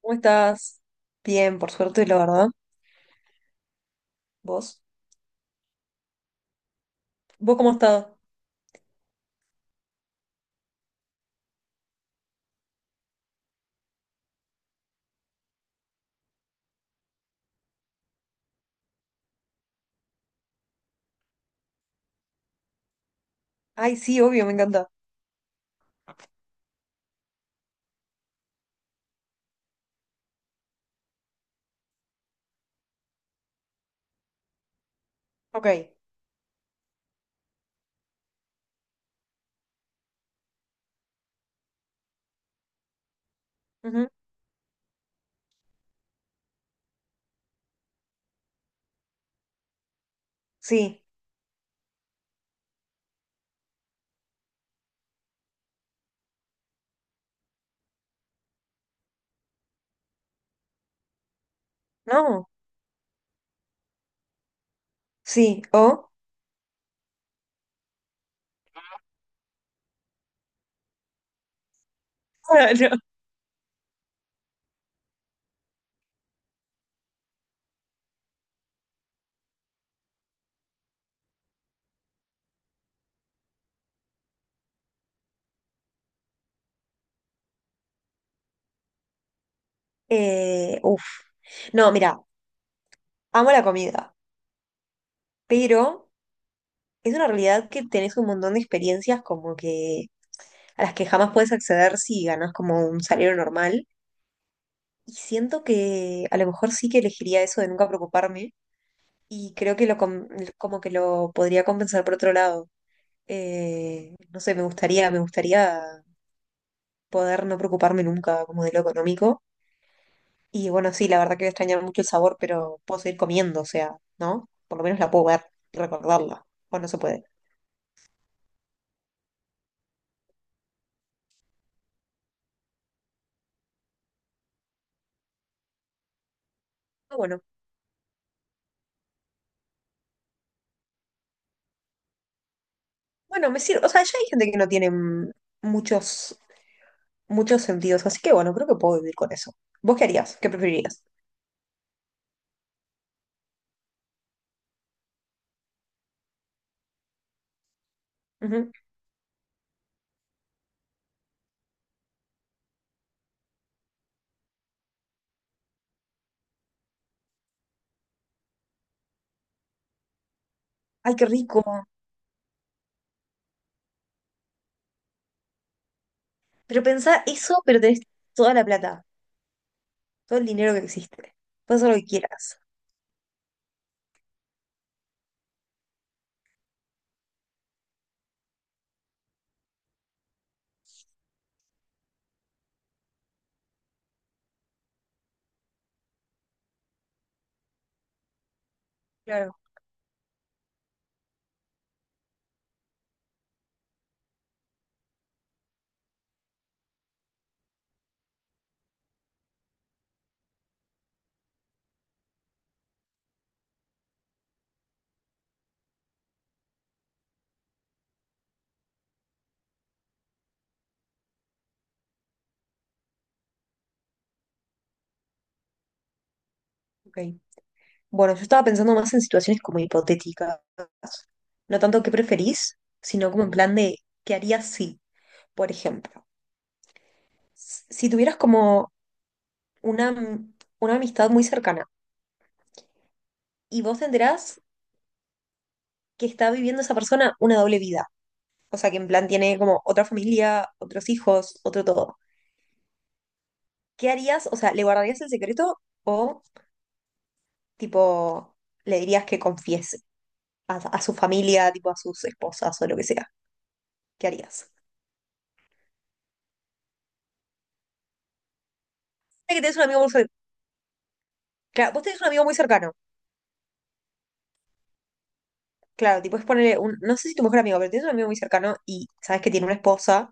¿Cómo estás? Bien, por suerte, la verdad. ¿Vos? ¿Vos cómo has estado? Ay, sí, obvio, me encanta. Ok. Ujú. Sí. No. Sí. ¿O? No. Uf. No, mira, amo la comida, pero es una realidad que tenés un montón de experiencias como que a las que jamás puedes acceder si ganas como un salario normal. Y siento que a lo mejor sí que elegiría eso de nunca preocuparme y creo que como que lo podría compensar por otro lado. No sé, me gustaría poder no preocuparme nunca como de lo económico. Y bueno, sí, la verdad que voy a extrañar mucho el sabor, pero puedo seguir comiendo, o sea, ¿no? Por lo menos la puedo ver y recordarla. O no se puede. Ah, bueno, bueno, me sirve. O sea, ya hay gente que no tiene muchos, muchos sentidos, así que bueno, creo que puedo vivir con eso. ¿Vos qué harías? ¿Qué preferirías? Ujú. Ay, qué rico. Pero pensá eso, pero tenés toda la plata, todo el dinero que existe. Puedes hacer lo que quieras. Claro, ok. Bueno, yo estaba pensando más en situaciones como hipotéticas. No tanto qué preferís, sino como en plan de qué harías si, por ejemplo, si tuvieras como una, am- una amistad muy cercana y vos te enterás que está viviendo esa persona una doble vida. O sea, que en plan tiene como otra familia, otros hijos, otro todo. ¿Qué harías? O sea, ¿le guardarías el secreto o tipo le dirías que confiese a su familia, tipo a sus esposas o lo que sea? ¿Qué harías? Sé que tenés un amigo. Claro, vos tenés un amigo muy cercano. Claro, tipo es ponerle un. No sé si tu mejor amigo, pero tienes un amigo muy cercano y sabes que tiene una esposa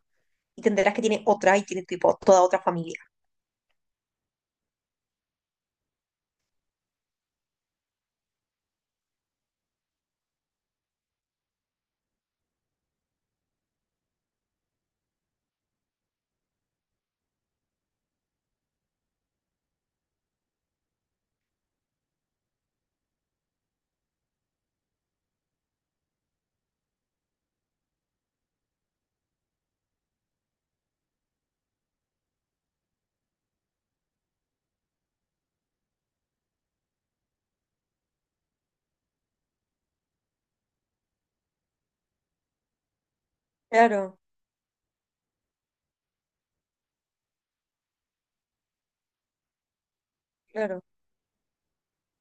y te enterás que tiene otra y tiene tipo toda otra familia. Claro, claro,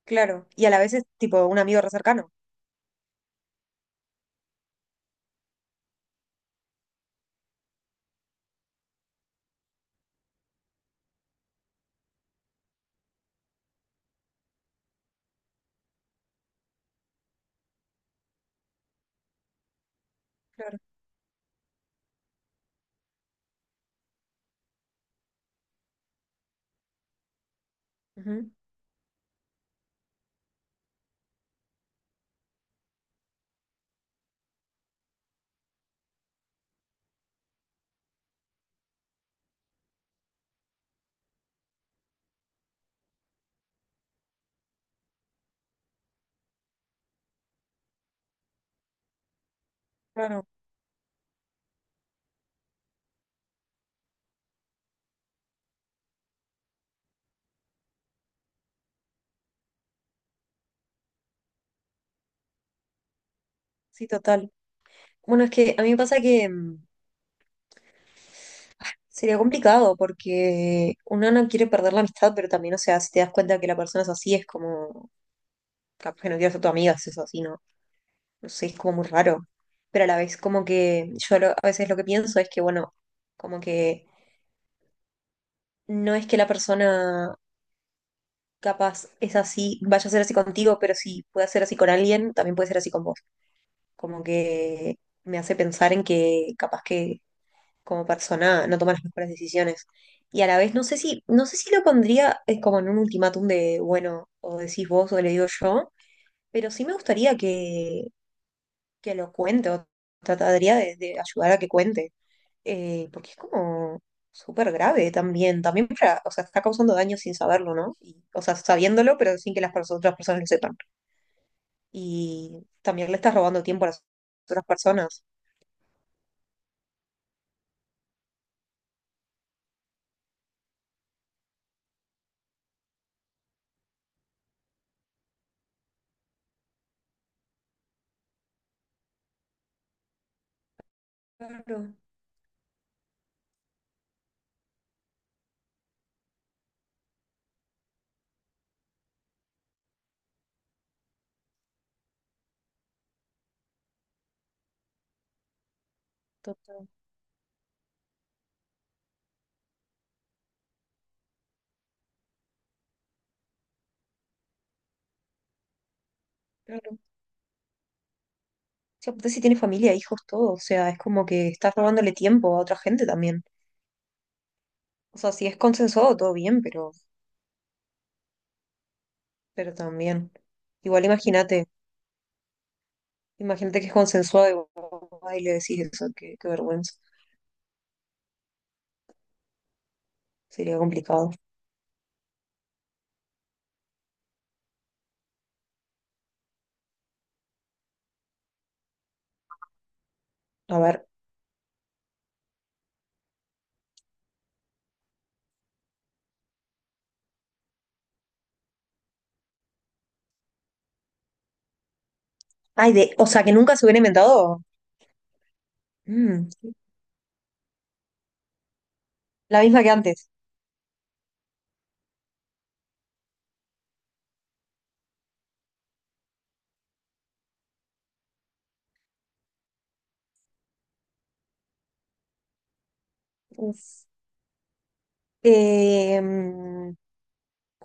claro. Y a la vez es tipo un amigo re cercano. Claro, ujú, claro, sí, total. Bueno, es que a mí me pasa que sería complicado porque uno no quiere perder la amistad, pero también, o sea, si te das cuenta que la persona es así, es como. Capaz que no quiero ser tu amiga, si es así, ¿no? No sé, es como muy raro, pero a la vez como que a veces lo que pienso es que, bueno, como que no es que la persona capaz es así, vaya a ser así contigo, pero si puede ser así con alguien, también puede ser así con vos. Como que me hace pensar en que capaz que como persona no toma las mejores decisiones. Y a la vez no sé si lo pondría como en un ultimátum de, bueno, o decís vos o le digo yo, pero sí me gustaría que lo cuente o trataría de ayudar a que cuente. Porque es como súper grave también, también para, o sea, está causando daño sin saberlo, ¿no? Y, o sea, sabiéndolo, pero sin que las otras personas lo sepan. Y también le estás robando tiempo a las otras personas. Claro, total, claro. O sea, aparte si tiene familia, hijos, todo, o sea, es como que estás robándole tiempo a otra gente también. O sea, si es consensuado, todo bien, pero, también. Igual imagínate, imagínate que es consensuado y vos vas y le decís eso, qué, qué vergüenza. Sería complicado. A ver. Ay, de, o sea, que nunca se hubiera inventado. Mm, la misma que antes. Uf.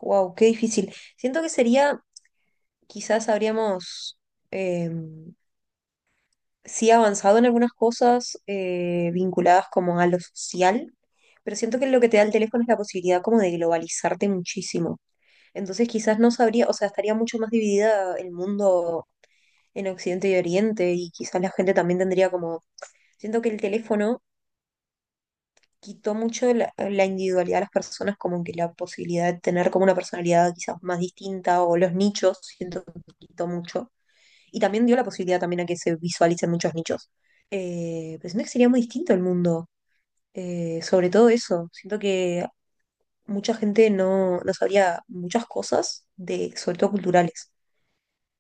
Wow, qué difícil. Siento que sería, quizás habríamos eh, sí avanzado en algunas cosas vinculadas como a lo social, pero siento que lo que te da el teléfono es la posibilidad como de globalizarte muchísimo. Entonces quizás no sabría, o sea, estaría mucho más dividida el mundo en Occidente y Oriente y quizás la gente también tendría como, siento que el teléfono quitó mucho de la individualidad de las personas, como que la posibilidad de tener como una personalidad quizás más distinta o los nichos, siento que quitó mucho. Y también dio la posibilidad también a que se visualicen muchos nichos. Pero siento que sería muy distinto el mundo, sobre todo eso. Siento que mucha gente no sabría muchas cosas, de, sobre todo culturales.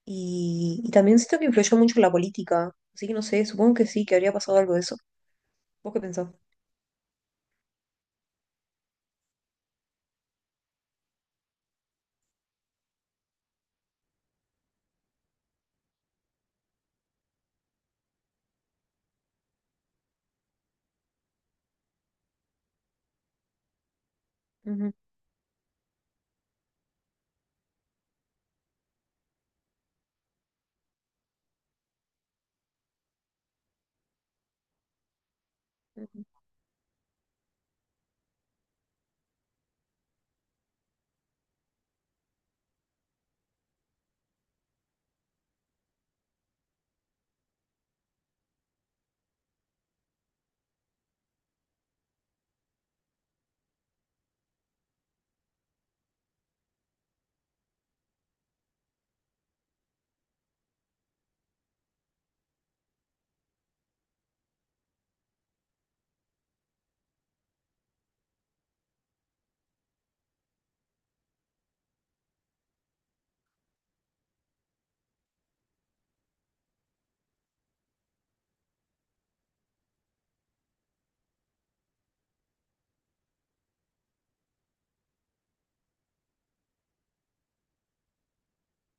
Y también siento que influyó mucho en la política. Así que no sé, supongo que sí, que habría pasado algo de eso. ¿Vos qué pensás? Ujú, ujú.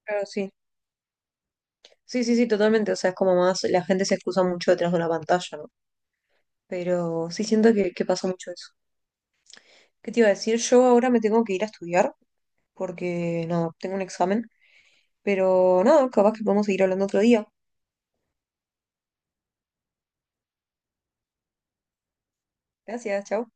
Claro, sí. Sí, sí, sí, totalmente. O sea, es como más, la gente se excusa mucho detrás de una pantalla, ¿no? Pero sí siento que pasa mucho eso. ¿Qué te iba a decir? Yo ahora me tengo que ir a estudiar porque, nada tengo un examen. Pero nada capaz que podemos seguir hablando otro día. Gracias, chao.